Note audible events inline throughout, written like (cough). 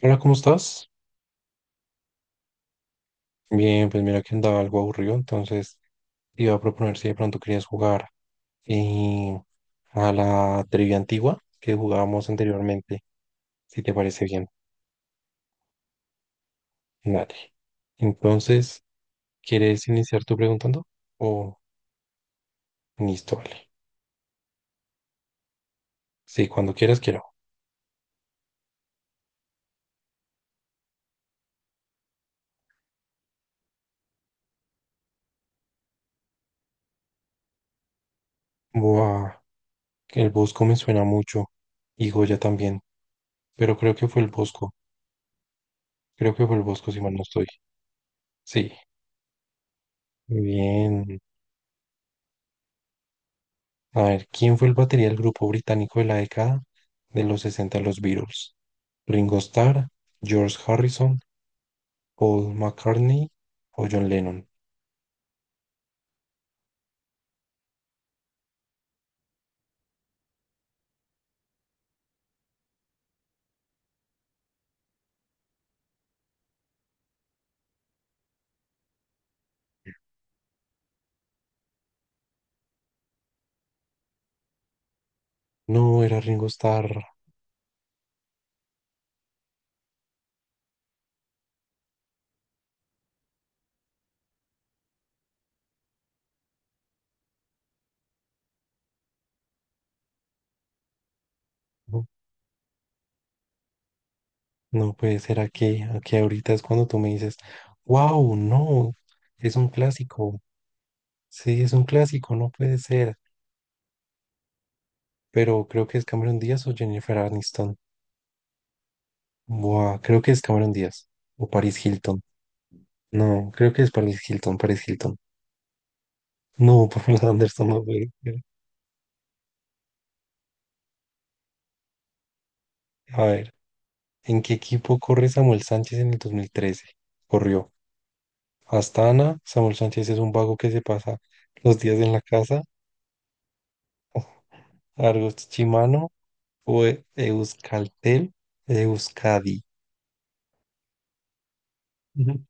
Hola, ¿cómo estás? Bien, pues mira que andaba algo aburrido, entonces te iba a proponer si de pronto querías jugar eh, a la trivia antigua que jugábamos anteriormente, si te parece bien. Dale. Entonces, ¿quieres iniciar tú preguntando? O listo, vale. Sí, cuando quieras quiero. Buah, que el Bosco me suena mucho y Goya también, pero creo que fue el Bosco. Creo que fue el Bosco si mal no estoy. Sí, muy bien. A ver, ¿quién fue el batería del grupo británico de la década de los 60 los Beatles? ¿Ringo Starr, George Harrison, Paul McCartney o John Lennon? No, era Ringo Starr. No, no puede ser aquí. Aquí ahorita es cuando tú me dices, wow, no, es un clásico. Sí, es un clásico, no puede ser. Pero creo que es Cameron Díaz o Jennifer Aniston. Buah, creo que es Cameron Díaz o Paris Hilton. No, creo que es Paris Hilton, Paris Hilton. No, (laughs) Pamela Anderson no puede ser. A ver, ¿en qué equipo corre Samuel Sánchez en el 2013? Corrió hasta Samuel Sánchez es un vago que se pasa los días en la casa. (laughs) Argos Chimano o Euskaltel, Euskadi. Ujú.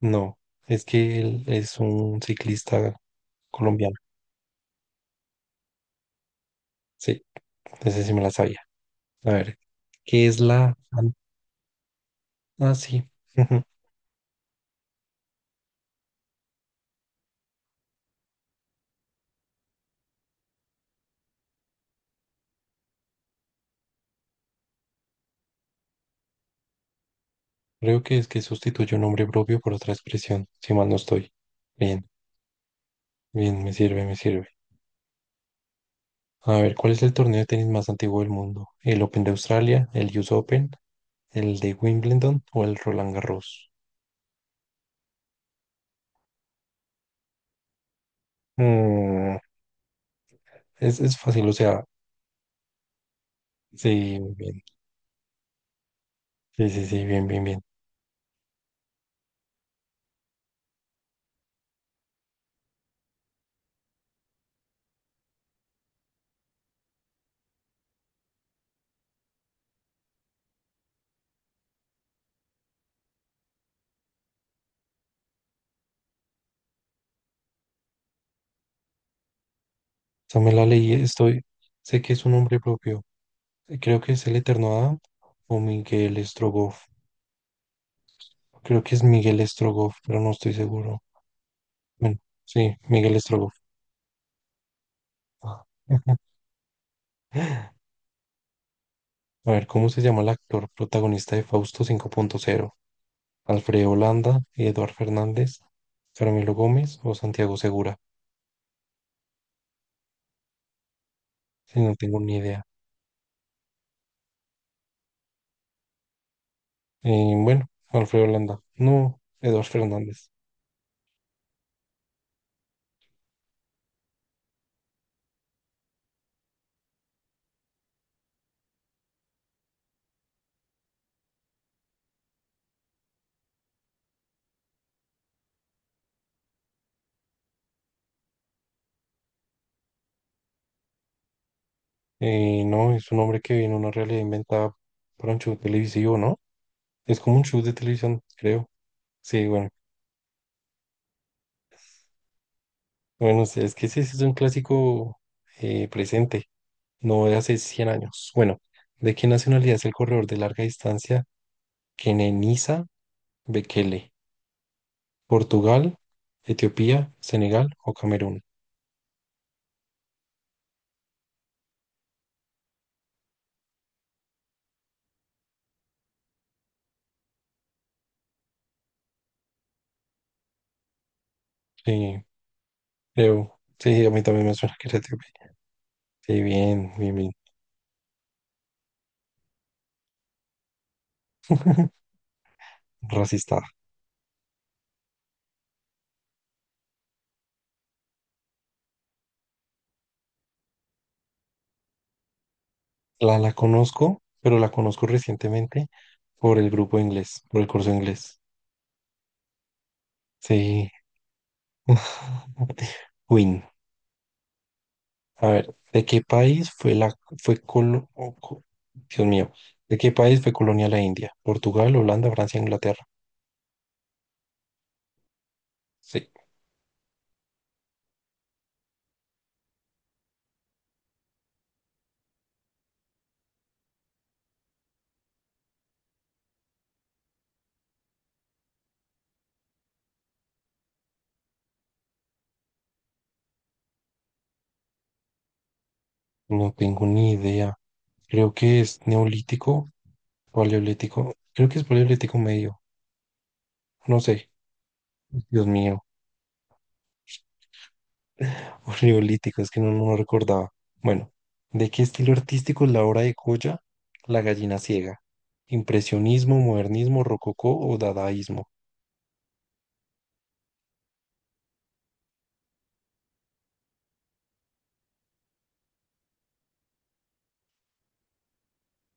No, es que él es un ciclista colombiano. Sí, ese sí me la sabía. A ver, ¿qué es la... an-? Ah, sí. (laughs) Creo que es que sustituye un nombre propio por otra expresión, si mal no estoy. Bien, bien, me sirve, me sirve. A ver, ¿cuál es el torneo de tenis más antiguo del mundo? ¿El Open de Australia, el US Open, el de Wimbledon o el Roland Garros? Mm, es fácil, o sea, sí, bien, sí, sí, sí, bien, bien, bien. O sea, me la leí, estoy, sé que es un nombre propio. Creo que es el Eterno Adam o Miguel Strogoff. Creo que es Miguel Strogoff, pero no estoy seguro. Bueno, sí, Miguel Strogoff. (laughs) A ver, ¿cómo se llama el actor protagonista de Fausto 5.0? Alfredo Holanda, Eduard Fernández, Carmelo Gómez o Santiago Segura. Si no tengo ni idea. Bueno, Alfredo Holanda. No, Eduard Fernández. No, es un hombre que viene en una realidad inventada para un show televisivo, ¿no? Es como un show de televisión, creo. Sí, bueno. Bueno, sí, es que ese es un clásico presente, no de hace 100 años. Bueno, ¿de qué nacionalidad es el corredor de larga distancia Kenenisa Bekele? ¿Portugal, Etiopía, Senegal o Camerún? Sí, creo. Sí, a mí también me suena que era etíope. Sí, bien, bien, bien. Racista. La conozco, pero la conozco recientemente por el grupo de inglés, por el curso de inglés. Sí. (laughs) Win. A ver, ¿de qué país fue la fue colo- o co- Dios mío, ¿de qué país fue colonia la India? ¿Portugal, Holanda, Francia, Inglaterra? Sí, no tengo ni idea. Creo que es neolítico, paleolítico. Creo que es paleolítico medio. No sé. Dios mío. O neolítico, es que no lo recordaba. Bueno, ¿de qué estilo artístico es la obra de Goya, La gallina ciega? ¿Impresionismo, modernismo, rococó o dadaísmo?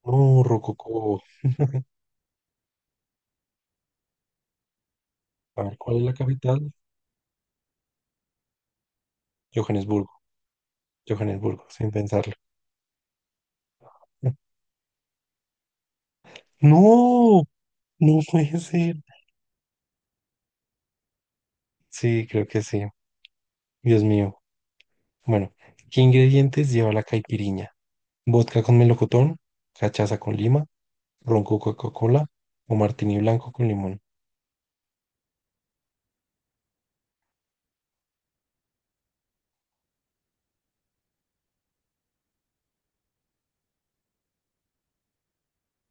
No, rococó. A ver, ¿cuál es la capital? Johannesburgo. Johannesburgo, sin pensarlo. (laughs) No, no puede ser. Sí, creo que sí. Dios mío. Bueno, ¿qué ingredientes lleva la caipiriña? ¿Vodka con melocotón? ¿Cachaza con lima? ¿Ron con Coca-Cola? ¿O martini blanco con limón?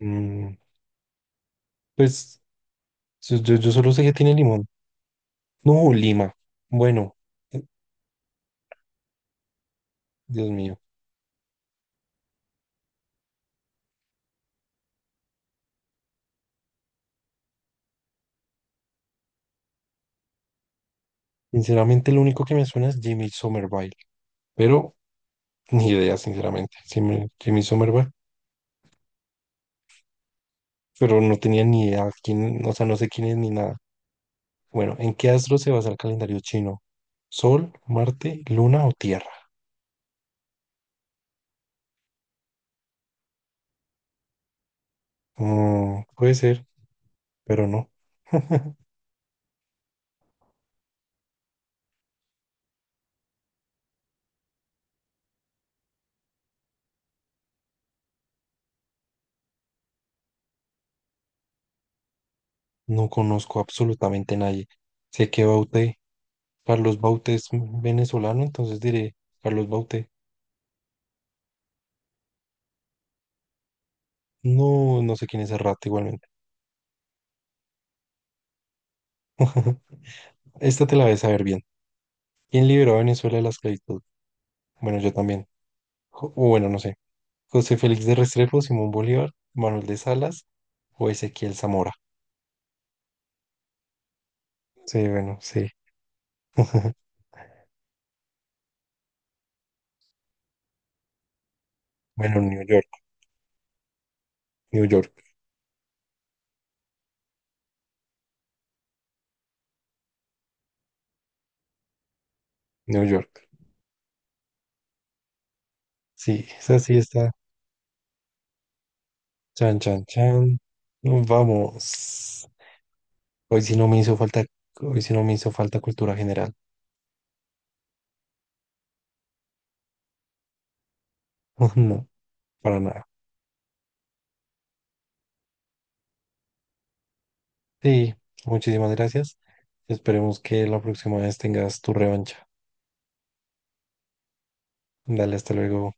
Mm, pues yo solo sé que tiene limón. No, lima. Bueno, eh, Dios mío. Sinceramente, lo único que me suena es Jimmy Somerville. Pero ni idea, sinceramente. Sí me- Jimmy Somerville. Pero no tenía ni idea quién, o sea, no sé quién es ni nada. Bueno, ¿en qué astro se basa el calendario chino? ¿Sol, Marte, Luna o Tierra? Mm, puede ser, pero no. (laughs) No conozco absolutamente nadie. Sé que Bauté, Carlos Bauté es venezolano, entonces diré Carlos Bauté. No, no sé quién es el rato igualmente. (laughs) Esta te la vas a ver bien. ¿Quién liberó a Venezuela de la esclavitud? Bueno, yo también. Jo- o bueno, no sé. José Félix de Restrepo, Simón Bolívar, Manuel de Salas o Ezequiel Zamora. Sí, bueno, sí. (laughs) Bueno, New York, New York, New York. Sí, esa sí está. Chan, chan, chan. No, vamos. Hoy sí no me hizo falta, hoy sí no me hizo falta cultura general. (laughs) No, para nada. Sí, muchísimas gracias. Esperemos que la próxima vez tengas tu revancha. Dale, hasta luego.